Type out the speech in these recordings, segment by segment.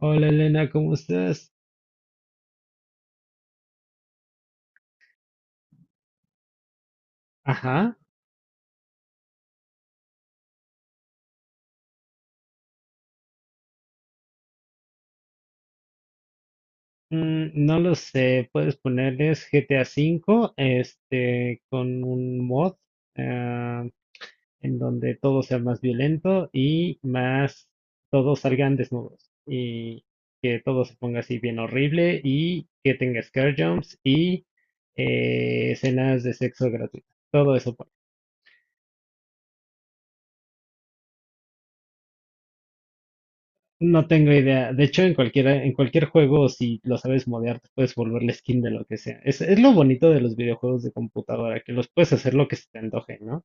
Hola Elena, ¿cómo estás? Ajá. No lo sé, puedes ponerles GTA V, este, con un mod, ah, en donde todo sea más violento y más, todos salgan desnudos y que todo se ponga así bien horrible y que tenga scare jumps y escenas de sexo gratuito. Todo eso. No tengo idea. De hecho, en cualquiera, en cualquier juego, si lo sabes modear, te puedes volver la skin de lo que sea. Es lo bonito de los videojuegos de computadora, que los puedes hacer lo que se te antoje, ¿no?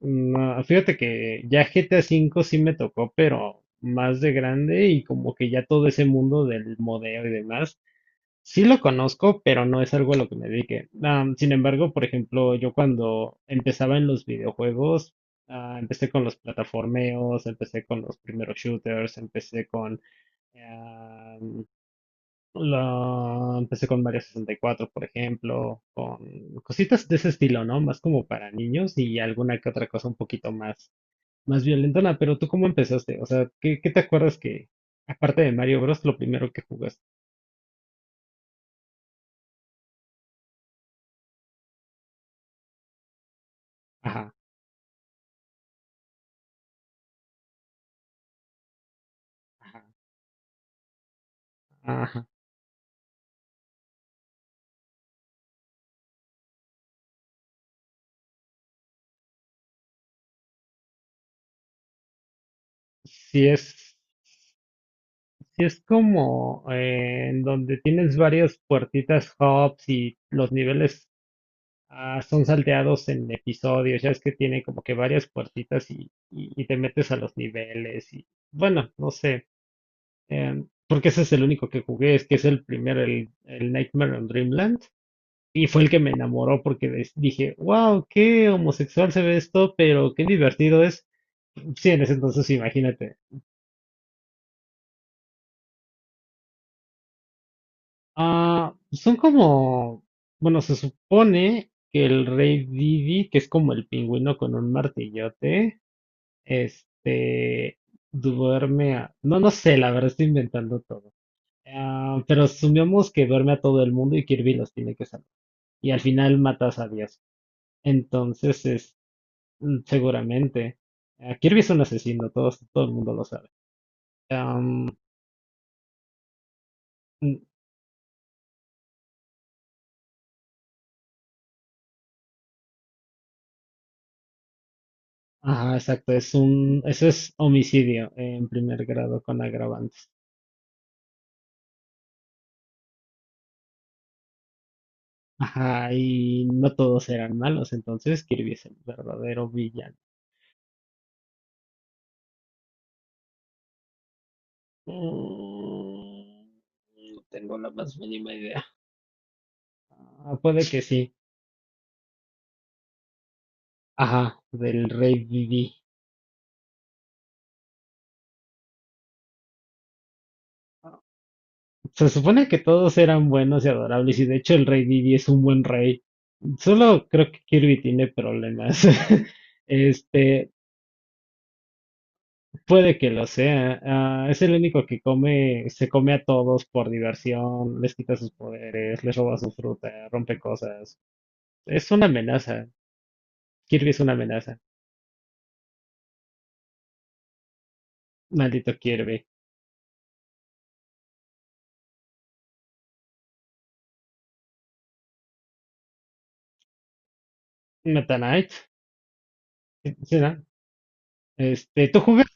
No, fíjate que ya GTA V sí me tocó, pero más de grande, y como que ya todo ese mundo del modeo y demás, sí lo conozco, pero no es algo a lo que me dedique. Sin embargo, por ejemplo, yo cuando empezaba en los videojuegos, empecé con los plataformeos, empecé con los primeros shooters, Em, lo empecé con Mario 64, por ejemplo, con cositas de ese estilo, ¿no? Más como para niños y alguna que otra cosa un poquito más, más violentona. Pero tú, ¿cómo empezaste? O sea, ¿qué te acuerdas que, aparte de Mario Bros, lo primero que jugaste? Ajá, ajá, ajá. Si es, si es como, en donde tienes varias puertitas, hubs y los niveles. Son salteados en episodios, ya es que tiene como que varias puertitas y te metes a los niveles y, bueno, no sé, porque ese es el único que jugué, es que es el Nightmare on Dreamland, y fue el que me enamoró porque dije, wow, qué homosexual se ve esto, pero qué divertido es. Sí, en ese entonces imagínate. Son como, bueno, se supone que el rey Didi, que es como el pingüino con un martillote. Este, no, no sé, la verdad estoy inventando todo. Ah, pero asumimos que duerme a todo el mundo y Kirby los tiene que salvar. Y al final matas a Dios. Entonces, seguramente. Kirby es un asesino, todos, todo el mundo lo sabe. Am, mm, ajá, exacto, eso es homicidio en primer grado con agravantes. Ajá, y no todos eran malos, entonces Kirby es el verdadero villano. Mm, No tengo la más mínima idea. Puede que sí. Ajá, del rey Didi. Se supone que todos eran buenos y adorables, y de hecho el rey Didi es un buen rey. Solo creo que Kirby tiene problemas. Este, puede que lo sea. Es el único que come, se come a todos por diversión, les quita sus poderes, les roba su fruta, rompe cosas. Es una amenaza. Kirby es una amenaza. Maldito Kirby. Meta Knight. ¿Sí, no? Este, ¿tú juegas?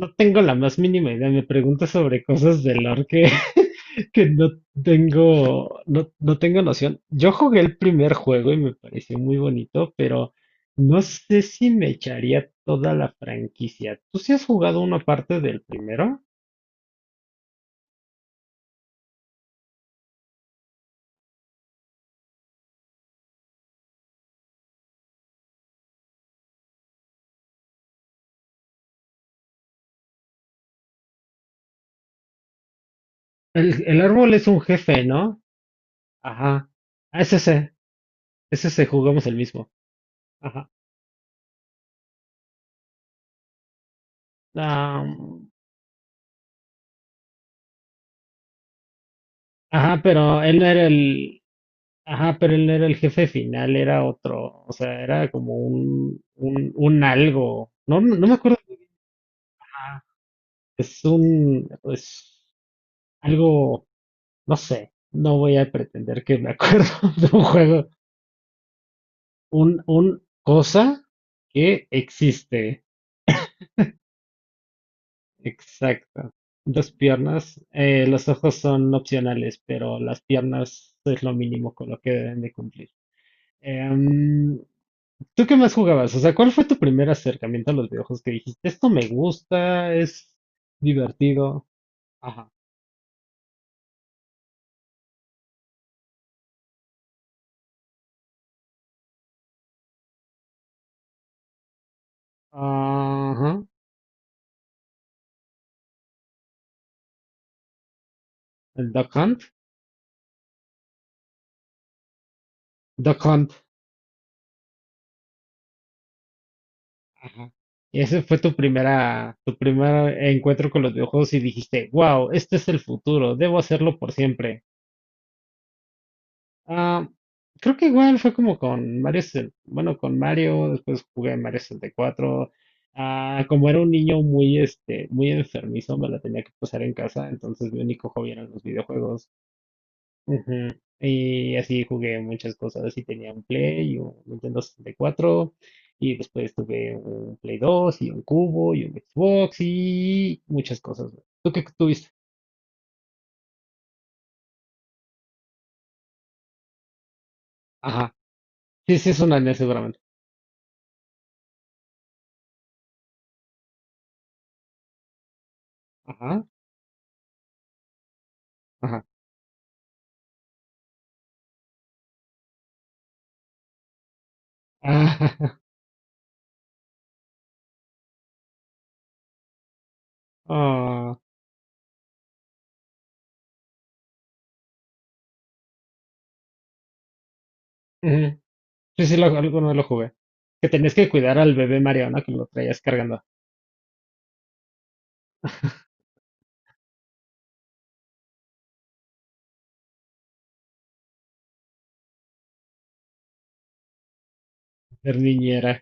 No tengo la más mínima idea. Me preguntas sobre cosas de lore que, que no tengo, no tengo noción. Yo jugué el primer juego y me pareció muy bonito, pero no sé si me echaría toda la franquicia. ¿Tú sí has jugado una parte del primero? El árbol es un jefe, ¿no? Ajá. Ah, ese se, ese se jugamos el mismo. Ajá. Ah, ajá, pero él no era el. Ajá, pero él no era el jefe final, era otro, o sea, era como un algo, no me acuerdo, ah, es un, es algo, no sé, no voy a pretender que me acuerdo de un juego, un cosa que existe, exacto. Dos piernas, los ojos son opcionales, pero las piernas es lo mínimo con lo que deben de cumplir. Em, ¿Tú qué más jugabas? O sea, ¿cuál fue tu primer acercamiento a los videojuegos que dijiste, esto me gusta, es divertido? Ajá. Ajá. El Duck Hunt. Duck Hunt. Ajá. Y ese fue tu primera, tu primer encuentro con los videojuegos y dijiste, wow, este es el futuro, debo hacerlo por siempre. Ah, creo que igual fue como con Mario. Bueno, con Mario, después jugué Mario 64. Como era un niño muy, este, muy enfermizo, me la tenía que pasar en casa, entonces mi único hobby eran los videojuegos. Ujú. Y así jugué muchas cosas, y tenía un Play y un Nintendo 64 y cuatro, y después tuve un Play 2 y un Cubo y un Xbox y muchas cosas. ¿Tú qué tuviste? Ajá. Sí, sí, es una NES seguramente. Ajá, ajá. Ah, ujú. Sí, sí, alguno lo jugué. Que tenías que cuidar al bebé Mariana, que lo traías cargando. Ser niñera.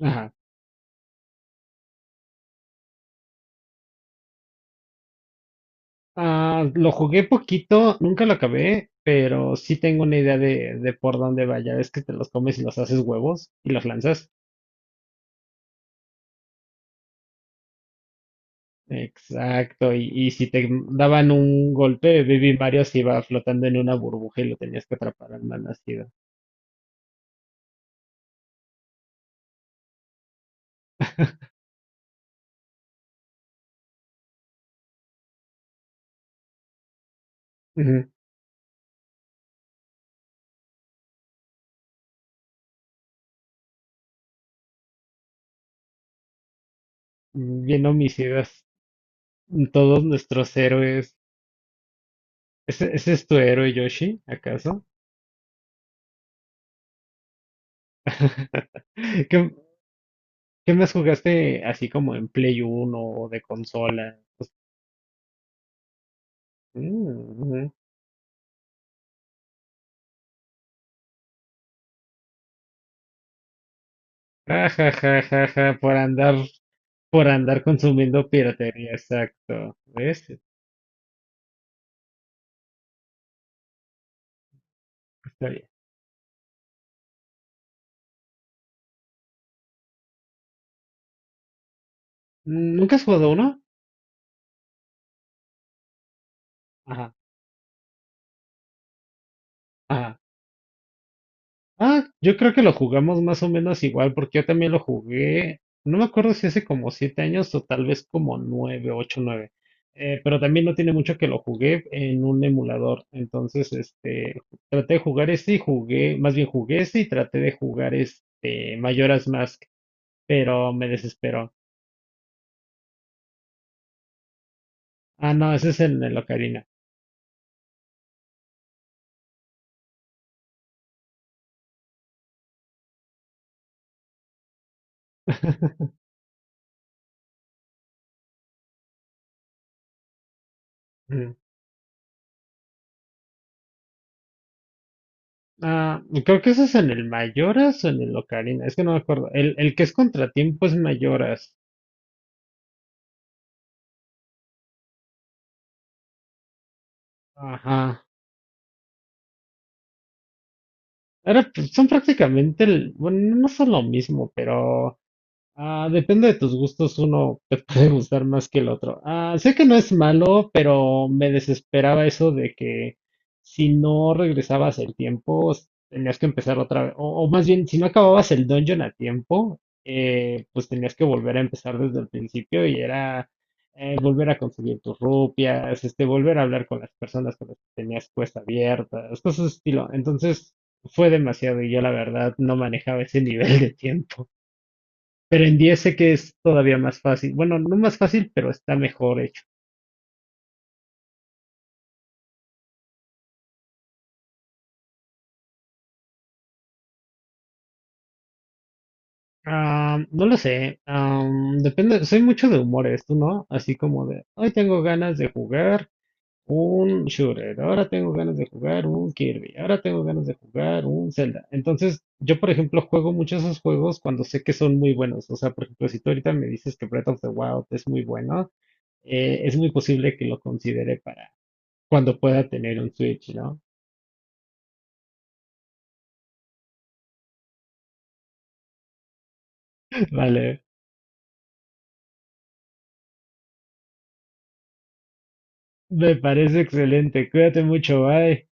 Ajá. Lo jugué poquito, nunca lo acabé, pero sí tengo una idea de por dónde vaya. Es que te los comes y los haces huevos y los lanzas. Exacto. Y si te daban un golpe, Baby Mario se iba flotando en una burbuja, y lo tenías que atrapar al malnacido. Ujú. Bien homicidas. Todos nuestros héroes. ¿Ese es tu héroe, Yoshi? ¿Acaso? ¿Qué, qué más jugaste así como en Play Uno o de consola? Pues, mm, ujú. ah, ja, ja, ja, ja, por andar, por andar consumiendo piratería, exacto. ¿Ves? Está bien. ¿Nunca has jugado uno? Ajá. Yo creo que lo jugamos más o menos igual, porque yo también lo jugué. No me acuerdo si hace como 7 años, o tal vez como nueve, ocho, nueve. Pero también no tiene mucho que lo jugué en un emulador. Entonces, este, traté de jugar este y jugué, más bien jugué este y traté de jugar este Majora's Mask, pero me desesperó. No, ese es en el Ocarina. Ujú. Creo que ese es en el Mayoras o en el Ocarina, es que no me acuerdo. El que es contratiempo es Mayoras. Ajá. Ahora, pues, son prácticamente, bueno, no son lo mismo, pero. Depende de tus gustos, uno te puede gustar más que el otro. Sé que no es malo, pero me desesperaba eso de que si no regresabas el tiempo, tenías que empezar otra vez. O más bien, si no acababas el dungeon a tiempo, pues tenías que volver a empezar desde el principio, y era, volver a conseguir tus rupias, este, volver a hablar con las personas con las que tenías cuesta abierta, cosas de ese estilo. Entonces fue demasiado, y yo la verdad no manejaba ese nivel de tiempo. Pero en 10 sé que es todavía más fácil. Bueno, no más fácil, pero está mejor hecho. No lo sé. Depende. Soy mucho de humores, ¿tú no? Así como de, hoy tengo ganas de jugar un shooter, ahora tengo ganas de jugar un Kirby, ahora tengo ganas de jugar un Zelda. Entonces, yo, por ejemplo, juego muchos esos juegos cuando sé que son muy buenos. O sea, por ejemplo, si tú ahorita me dices que Breath of the Wild es muy bueno, es muy posible que lo considere para cuando pueda tener un Switch, ¿no? Vale. Me parece excelente. Cuídate mucho. Bye.